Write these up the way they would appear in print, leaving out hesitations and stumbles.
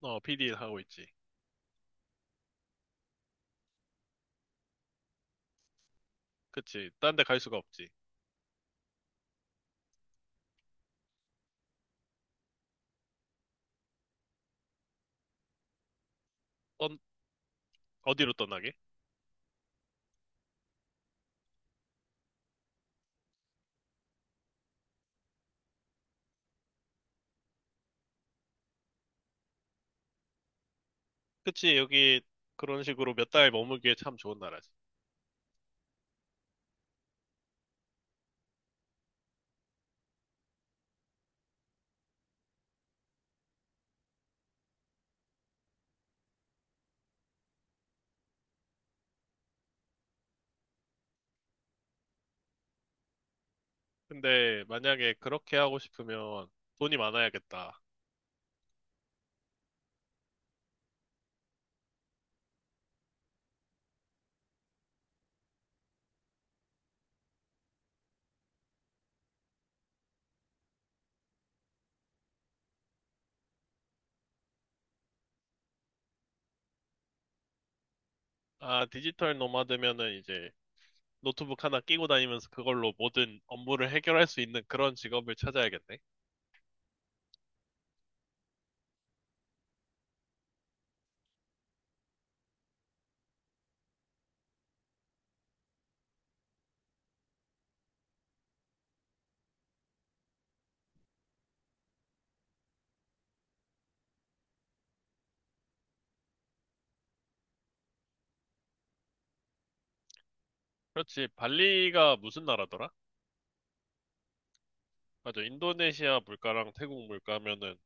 어, PD 하고 있지. 그치. 딴 데 갈 수가 없지. 떤, 어디로 떠나게? 그치. 여기 그런 식으로 몇 달 머물기에 참 좋은 나라지. 근데 만약에 그렇게 하고 싶으면 돈이 많아야겠다. 아, 디지털 노마드면은 이제 노트북 하나 끼고 다니면서 그걸로 모든 업무를 해결할 수 있는 그런 직업을 찾아야겠네. 그렇지. 발리가 무슨 나라더라? 맞아. 인도네시아 물가랑 태국 물가면은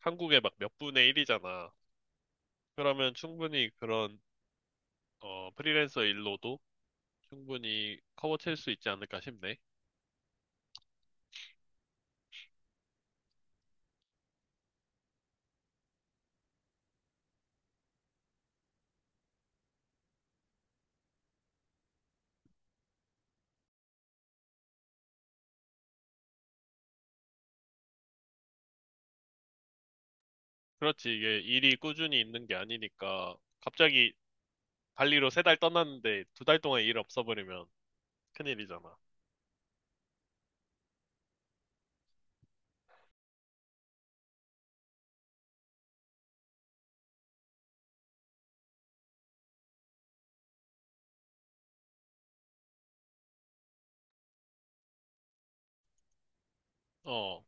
한국의 막 몇 분의 1이잖아. 그러면 충분히 그런 프리랜서 일로도 충분히 커버칠 수 있지 않을까 싶네. 그렇지, 이게 일이 꾸준히 있는 게 아니니까 갑자기 발리로 세 달 떠났는데 두 달 동안 일 없어버리면 큰일이잖아. 어,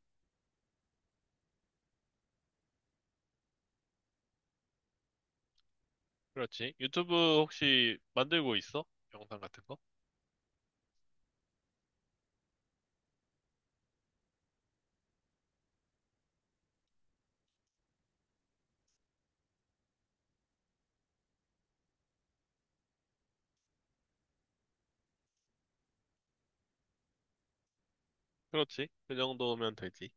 그렇지. 유튜브 혹시 만들고 있어? 영상 같은 거? 그렇지. 그 정도면 되지.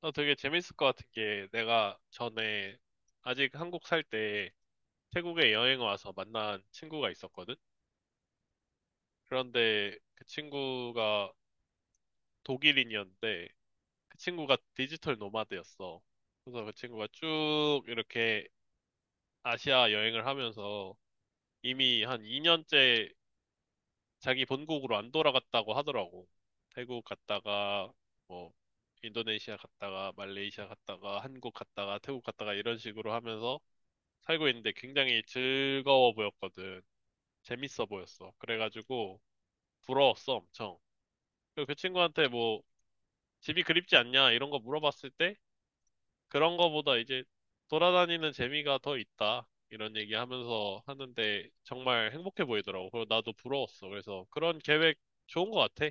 나 되게 재밌을 것 같은 게 내가 전에 아직 한국 살 때 태국에 여행 와서 만난 친구가 있었거든? 그런데 그 친구가 독일인이었는데 그 친구가 디지털 노마드였어. 그래서 그 친구가 쭉 이렇게 아시아 여행을 하면서 이미 한 2년째 자기 본국으로 안 돌아갔다고 하더라고. 태국 갔다가 뭐 인도네시아 갔다가 말레이시아 갔다가 한국 갔다가 태국 갔다가 이런 식으로 하면서 살고 있는데 굉장히 즐거워 보였거든. 재밌어 보였어. 그래가지고 부러웠어, 엄청. 그리고 그 친구한테 뭐 집이 그립지 않냐 이런 거 물어봤을 때 그런 거보다 이제 돌아다니는 재미가 더 있다. 이런 얘기 하면서 하는데 정말 행복해 보이더라고. 그리고 나도 부러웠어. 그래서 그런 계획 좋은 거 같아.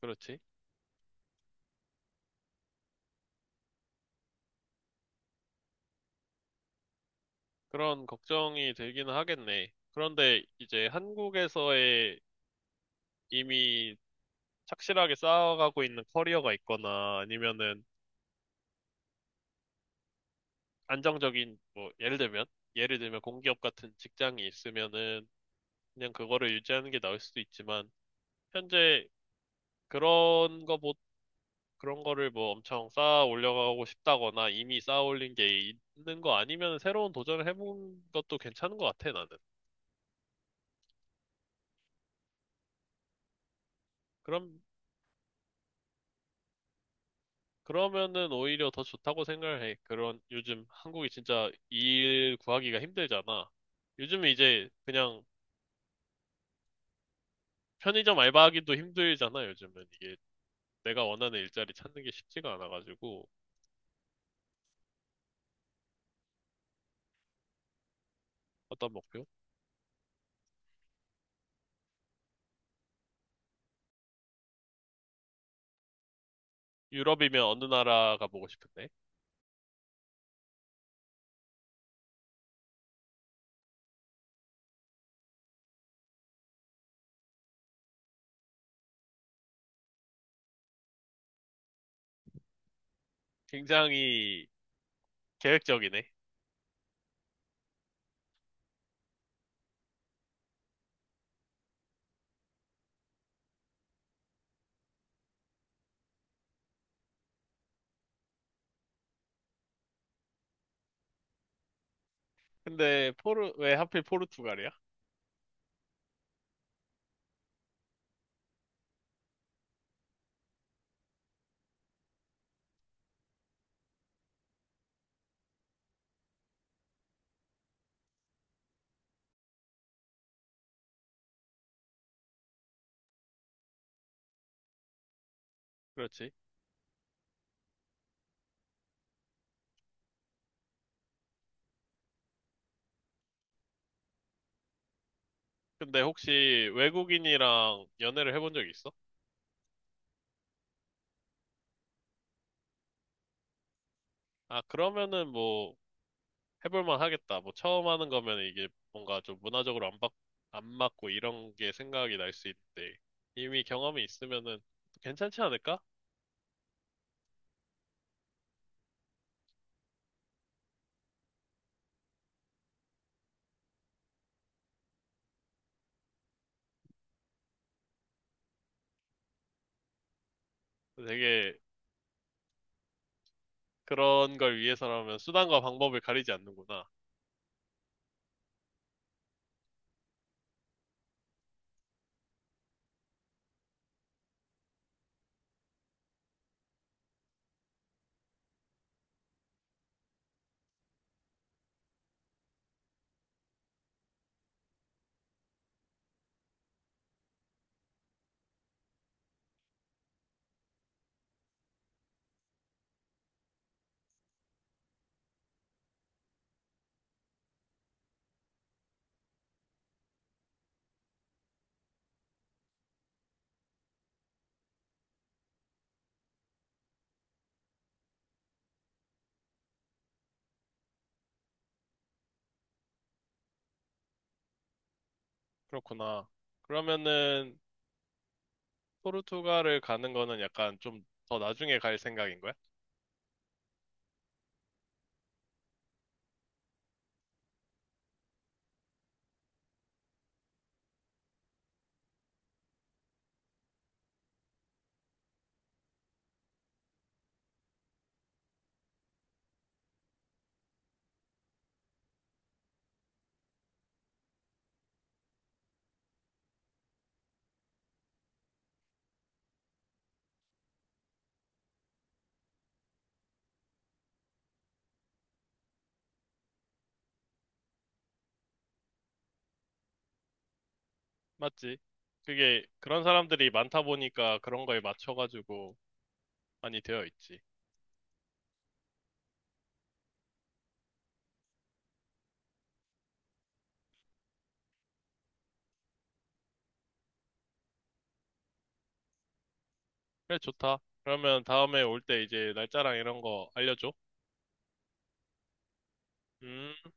그렇지. 그런 걱정이 들기는 하겠네. 그런데 이제 한국에서의 이미 착실하게 쌓아가고 있는 커리어가 있거나 아니면은 안정적인 뭐 예를 들면 공기업 같은 직장이 있으면은 그냥 그거를 유지하는 게 나을 수도 있지만 현재 그런 거보다 그런 거를 뭐 엄청 쌓아 올려가고 싶다거나 이미 쌓아 올린 게 있는 거 아니면 새로운 도전을 해본 것도 괜찮은 것 같아, 나는. 그럼, 그러면은 오히려 더 좋다고 생각을 해. 그런, 요즘 한국이 진짜 일 구하기가 힘들잖아. 요즘은 이제 그냥 편의점 알바하기도 힘들잖아, 요즘은. 이게 내가 원하는 일자리 찾는 게 쉽지가 않아가지고. 어떤 목표? 유럽이면 어느 나라가 보고 싶은데? 굉장히 계획적이네. 근데 포르, 왜 하필 포르투갈이야? 그렇지. 근데 혹시 외국인이랑 연애를 해본 적 있어? 아, 그러면은 뭐 해볼만 하겠다. 뭐 처음 하는 거면 이게 뭔가 좀 문화적으로 안 맞, 안 맞고 이런 게 생각이 날 수 있는데 이미 경험이 있으면은 괜찮지 않을까? 되게 그런 걸 위해서라면 수단과 방법을 가리지 않는구나. 그렇구나. 그러면은 포르투갈을 가는 거는 약간 좀 더 나중에 갈 생각인 거야? 맞지? 그게 그런 사람들이 많다 보니까 그런 거에 맞춰가지고 많이 되어 있지. 그래, 좋다. 그러면 다음에 올 때 이제 날짜랑 이런 거 알려줘. 음.